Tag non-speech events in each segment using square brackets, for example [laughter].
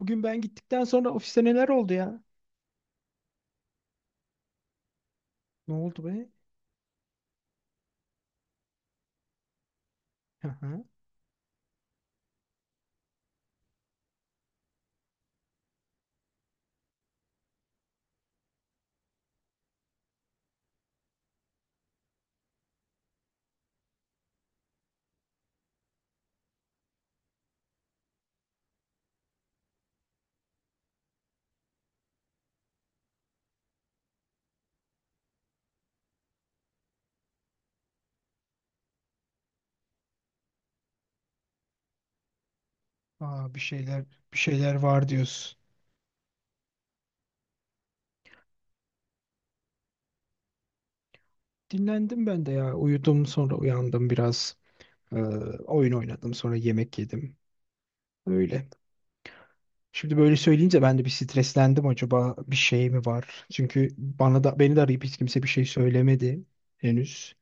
Bugün ben gittikten sonra ofiste neler oldu ya? Ne oldu be? Hı hı. Aa, bir şeyler bir şeyler var diyorsun. Dinlendim ben de ya. Uyudum sonra uyandım biraz. Ee, oyun oynadım sonra yemek yedim. Öyle. Şimdi böyle söyleyince ben de bir streslendim, acaba bir şey mi var? Çünkü bana da beni de arayıp hiç kimse bir şey söylemedi henüz.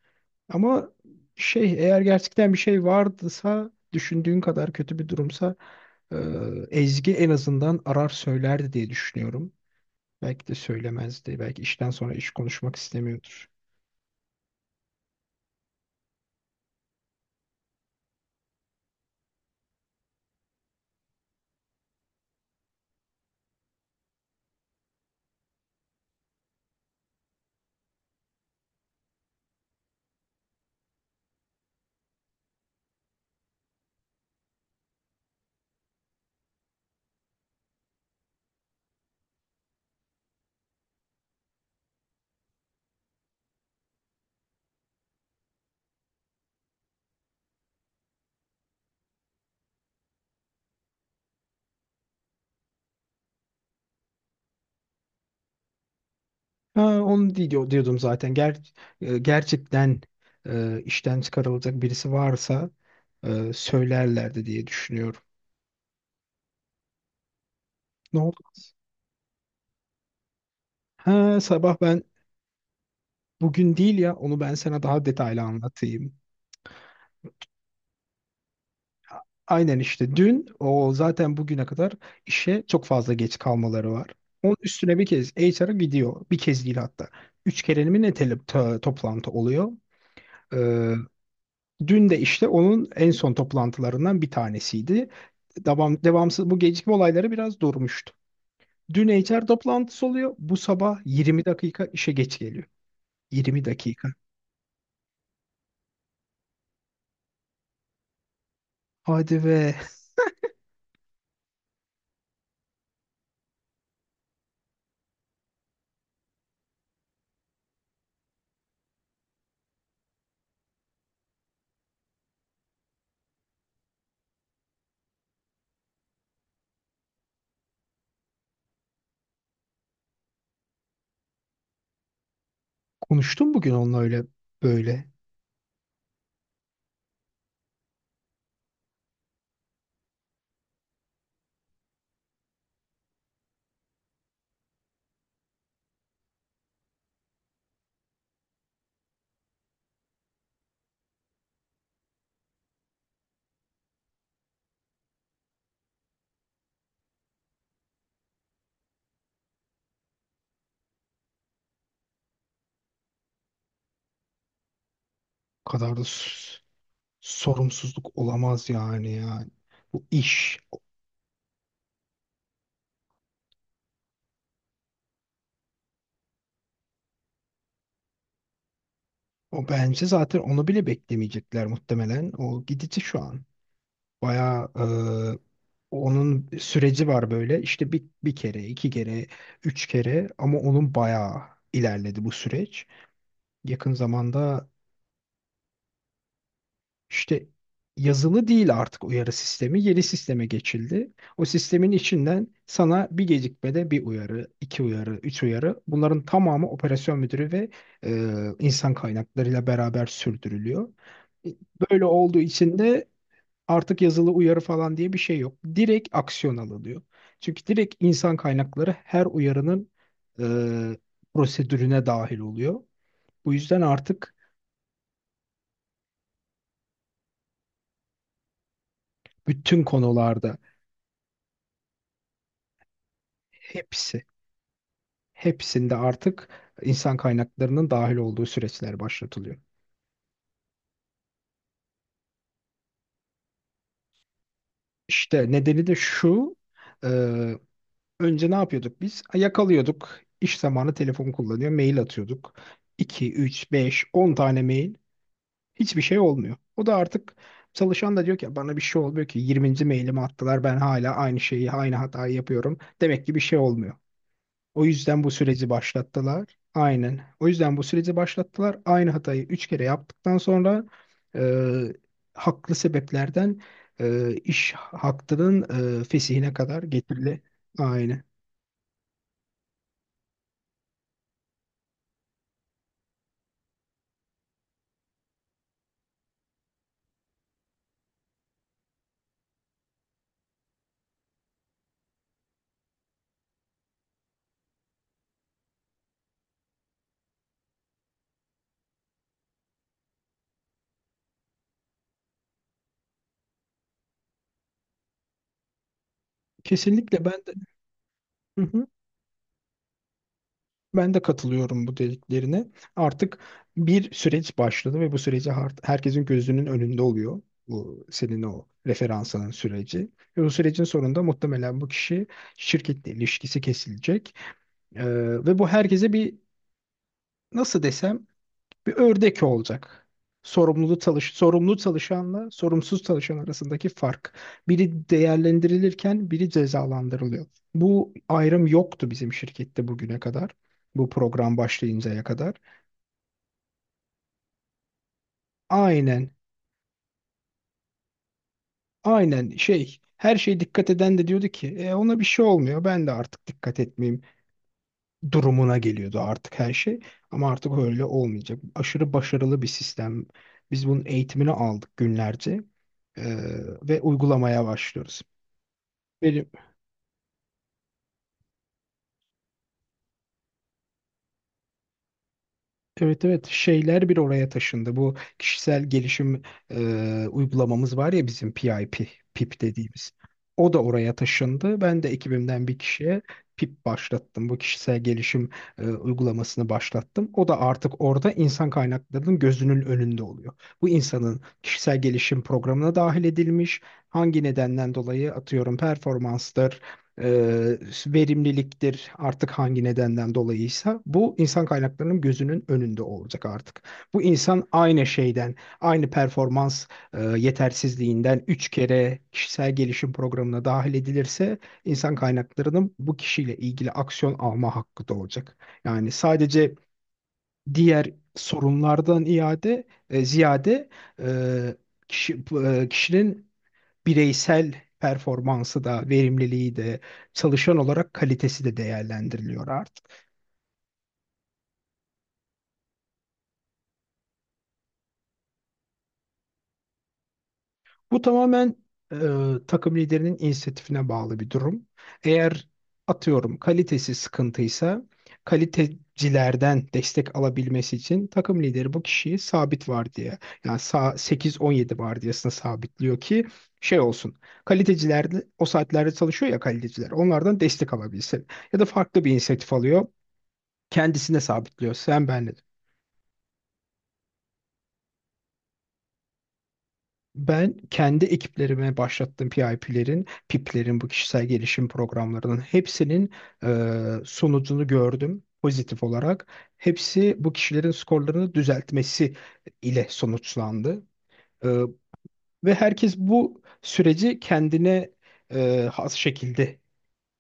Ama şey, eğer gerçekten bir şey vardıysa, düşündüğün kadar kötü bir durumsa, ee, Ezgi en azından arar söylerdi diye düşünüyorum. Belki de söylemezdi. Belki işten sonra iş konuşmak istemiyordur. Ha, onu diyordum zaten. Gerçekten işten çıkarılacak birisi varsa söylerlerdi diye düşünüyorum. Ne oldu? Ha, sabah ben bugün değil ya, onu ben sana daha detaylı anlatayım. Aynen işte dün o zaten bugüne kadar işe çok fazla geç kalmaları var. Onun üstüne bir kez HR'a gidiyor. Bir kez değil hatta. Üç kere mi ne toplantı oluyor? Dün de işte onun en son toplantılarından bir tanesiydi. Devam, devamsız bu gecikme olayları biraz durmuştu. Dün HR toplantısı oluyor. Bu sabah 20 dakika işe geç geliyor. 20 dakika. Hadi ve konuştum bugün onunla öyle böyle. Bu kadar da sorumsuzluk olamaz yani. Bu iş. O bence zaten onu bile beklemeyecekler muhtemelen. O gidici şu an. Bayağı, e, onun süreci var böyle. İşte bir kere, iki kere, üç kere, ama onun bayağı ilerledi bu süreç. Yakın zamanda işte yazılı değil artık uyarı sistemi, yeni sisteme geçildi. O sistemin içinden sana bir gecikmede bir uyarı, iki uyarı, üç uyarı. Bunların tamamı operasyon müdürü ve insan kaynaklarıyla beraber sürdürülüyor. Böyle olduğu için de artık yazılı uyarı falan diye bir şey yok. Direkt aksiyon alınıyor. Çünkü direkt insan kaynakları her uyarının e, prosedürüne dahil oluyor. Bu yüzden artık bütün konularda hepsi, hepsinde artık insan kaynaklarının dahil olduğu süreçler başlatılıyor. İşte nedeni de şu: e, önce ne yapıyorduk biz? Yakalıyorduk, İş zamanı telefon kullanıyor, mail atıyorduk. iki, 3, 5, 10 tane mail. Hiçbir şey olmuyor. O da artık, çalışan da diyor ki bana bir şey olmuyor ki, 20. mailimi attılar, ben hala aynı şeyi, aynı hatayı yapıyorum. Demek ki bir şey olmuyor. O yüzden bu süreci başlattılar. Aynen. O yüzden bu süreci başlattılar. Aynı hatayı 3 kere yaptıktan sonra e, haklı sebeplerden iş hakkının fesihine kadar getirildi. Aynen. Kesinlikle ben de. [laughs] Ben de katılıyorum bu dediklerine. Artık bir süreç başladı ve bu süreci herkesin gözünün önünde oluyor. Bu senin o referansının süreci. Ve bu sürecin sonunda muhtemelen bu kişi şirketle ilişkisi kesilecek. Ee, ve bu herkese bir, nasıl desem, bir ördek olacak. Sorumlu çalışanla sorumsuz çalışan arasındaki fark. Biri değerlendirilirken biri cezalandırılıyor. Bu ayrım yoktu bizim şirkette bugüne kadar. Bu program başlayıncaya kadar. Aynen, aynen şey, her şeye dikkat eden de diyordu ki, "E, ona bir şey olmuyor. Ben de artık dikkat etmeyeyim." durumuna geliyordu artık her şey. Ama artık öyle olmayacak. Aşırı başarılı bir sistem. Biz bunun eğitimini aldık günlerce. Ee, ve uygulamaya başlıyoruz. Benim Evet, evet, şeyler bir oraya taşındı. Bu kişisel gelişim uygulamamız var ya bizim, PIP, PIP dediğimiz. O da oraya taşındı. Ben de ekibimden bir kişiye PIP başlattım. Bu kişisel gelişim uygulamasını başlattım. O da artık orada insan kaynaklarının gözünün önünde oluyor. Bu insanın kişisel gelişim programına dahil edilmiş. Hangi nedenden dolayı, atıyorum, performanstır, e, verimliliktir, artık hangi nedenden dolayıysa bu insan kaynaklarının gözünün önünde olacak artık. Bu insan aynı şeyden, aynı performans yetersizliğinden 3 kere kişisel gelişim programına dahil edilirse insan kaynaklarının bu kişiyle ilgili aksiyon alma hakkı da olacak. Yani sadece diğer sorunlardan ziyade, e, kişinin bireysel performansı da, verimliliği de, çalışan olarak kalitesi de değerlendiriliyor artık. Bu tamamen e, takım liderinin inisiyatifine bağlı bir durum. Eğer, atıyorum, kalitesi sıkıntıysa, kalitecilerden destek alabilmesi için takım lideri bu kişiyi sabit vardiya, yani 8-17 vardiyasına sabitliyor ki şey olsun. Kaliteciler de o saatlerde çalışıyor ya, kaliteciler onlardan destek alabilsin. Ya da farklı bir inisiyatif alıyor, kendisine sabitliyor. Sen ben Ben kendi ekiplerime başlattığım PIP'lerin bu kişisel gelişim programlarının hepsinin sonucunu gördüm pozitif olarak. Hepsi bu kişilerin skorlarını düzeltmesi ile sonuçlandı. E, ve herkes bu süreci kendine has şekilde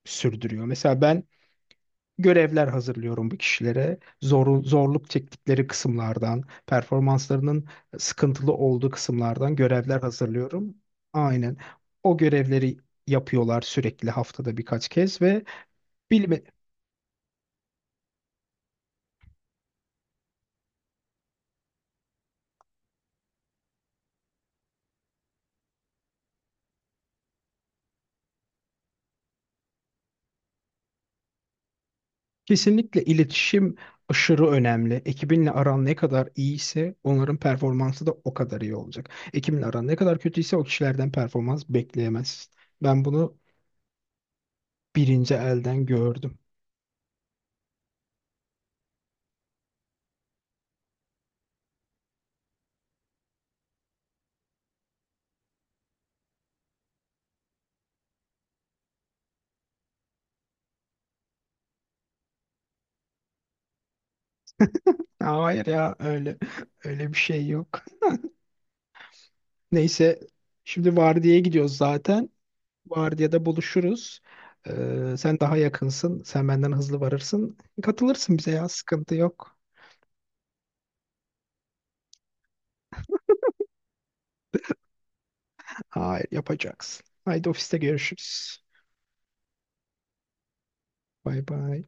sürdürüyor. Mesela ben görevler hazırlıyorum bu kişilere. Zorluk çektikleri kısımlardan, performanslarının sıkıntılı olduğu kısımlardan görevler hazırlıyorum. Aynen. O görevleri yapıyorlar sürekli, haftada birkaç kez ve bilme, kesinlikle iletişim aşırı önemli. Ekibinle aran ne kadar iyiyse onların performansı da o kadar iyi olacak. Ekibinle aran ne kadar kötüyse o kişilerden performans bekleyemezsin. Ben bunu birinci elden gördüm. Hayır ya, öyle bir şey yok. Neyse, şimdi vardiyaya gidiyoruz zaten. Vardiyada buluşuruz. Sen daha yakınsın. Sen benden hızlı varırsın. Katılırsın bize ya, sıkıntı yok. Hayır, yapacaksın. Haydi, ofiste görüşürüz. Bay bay.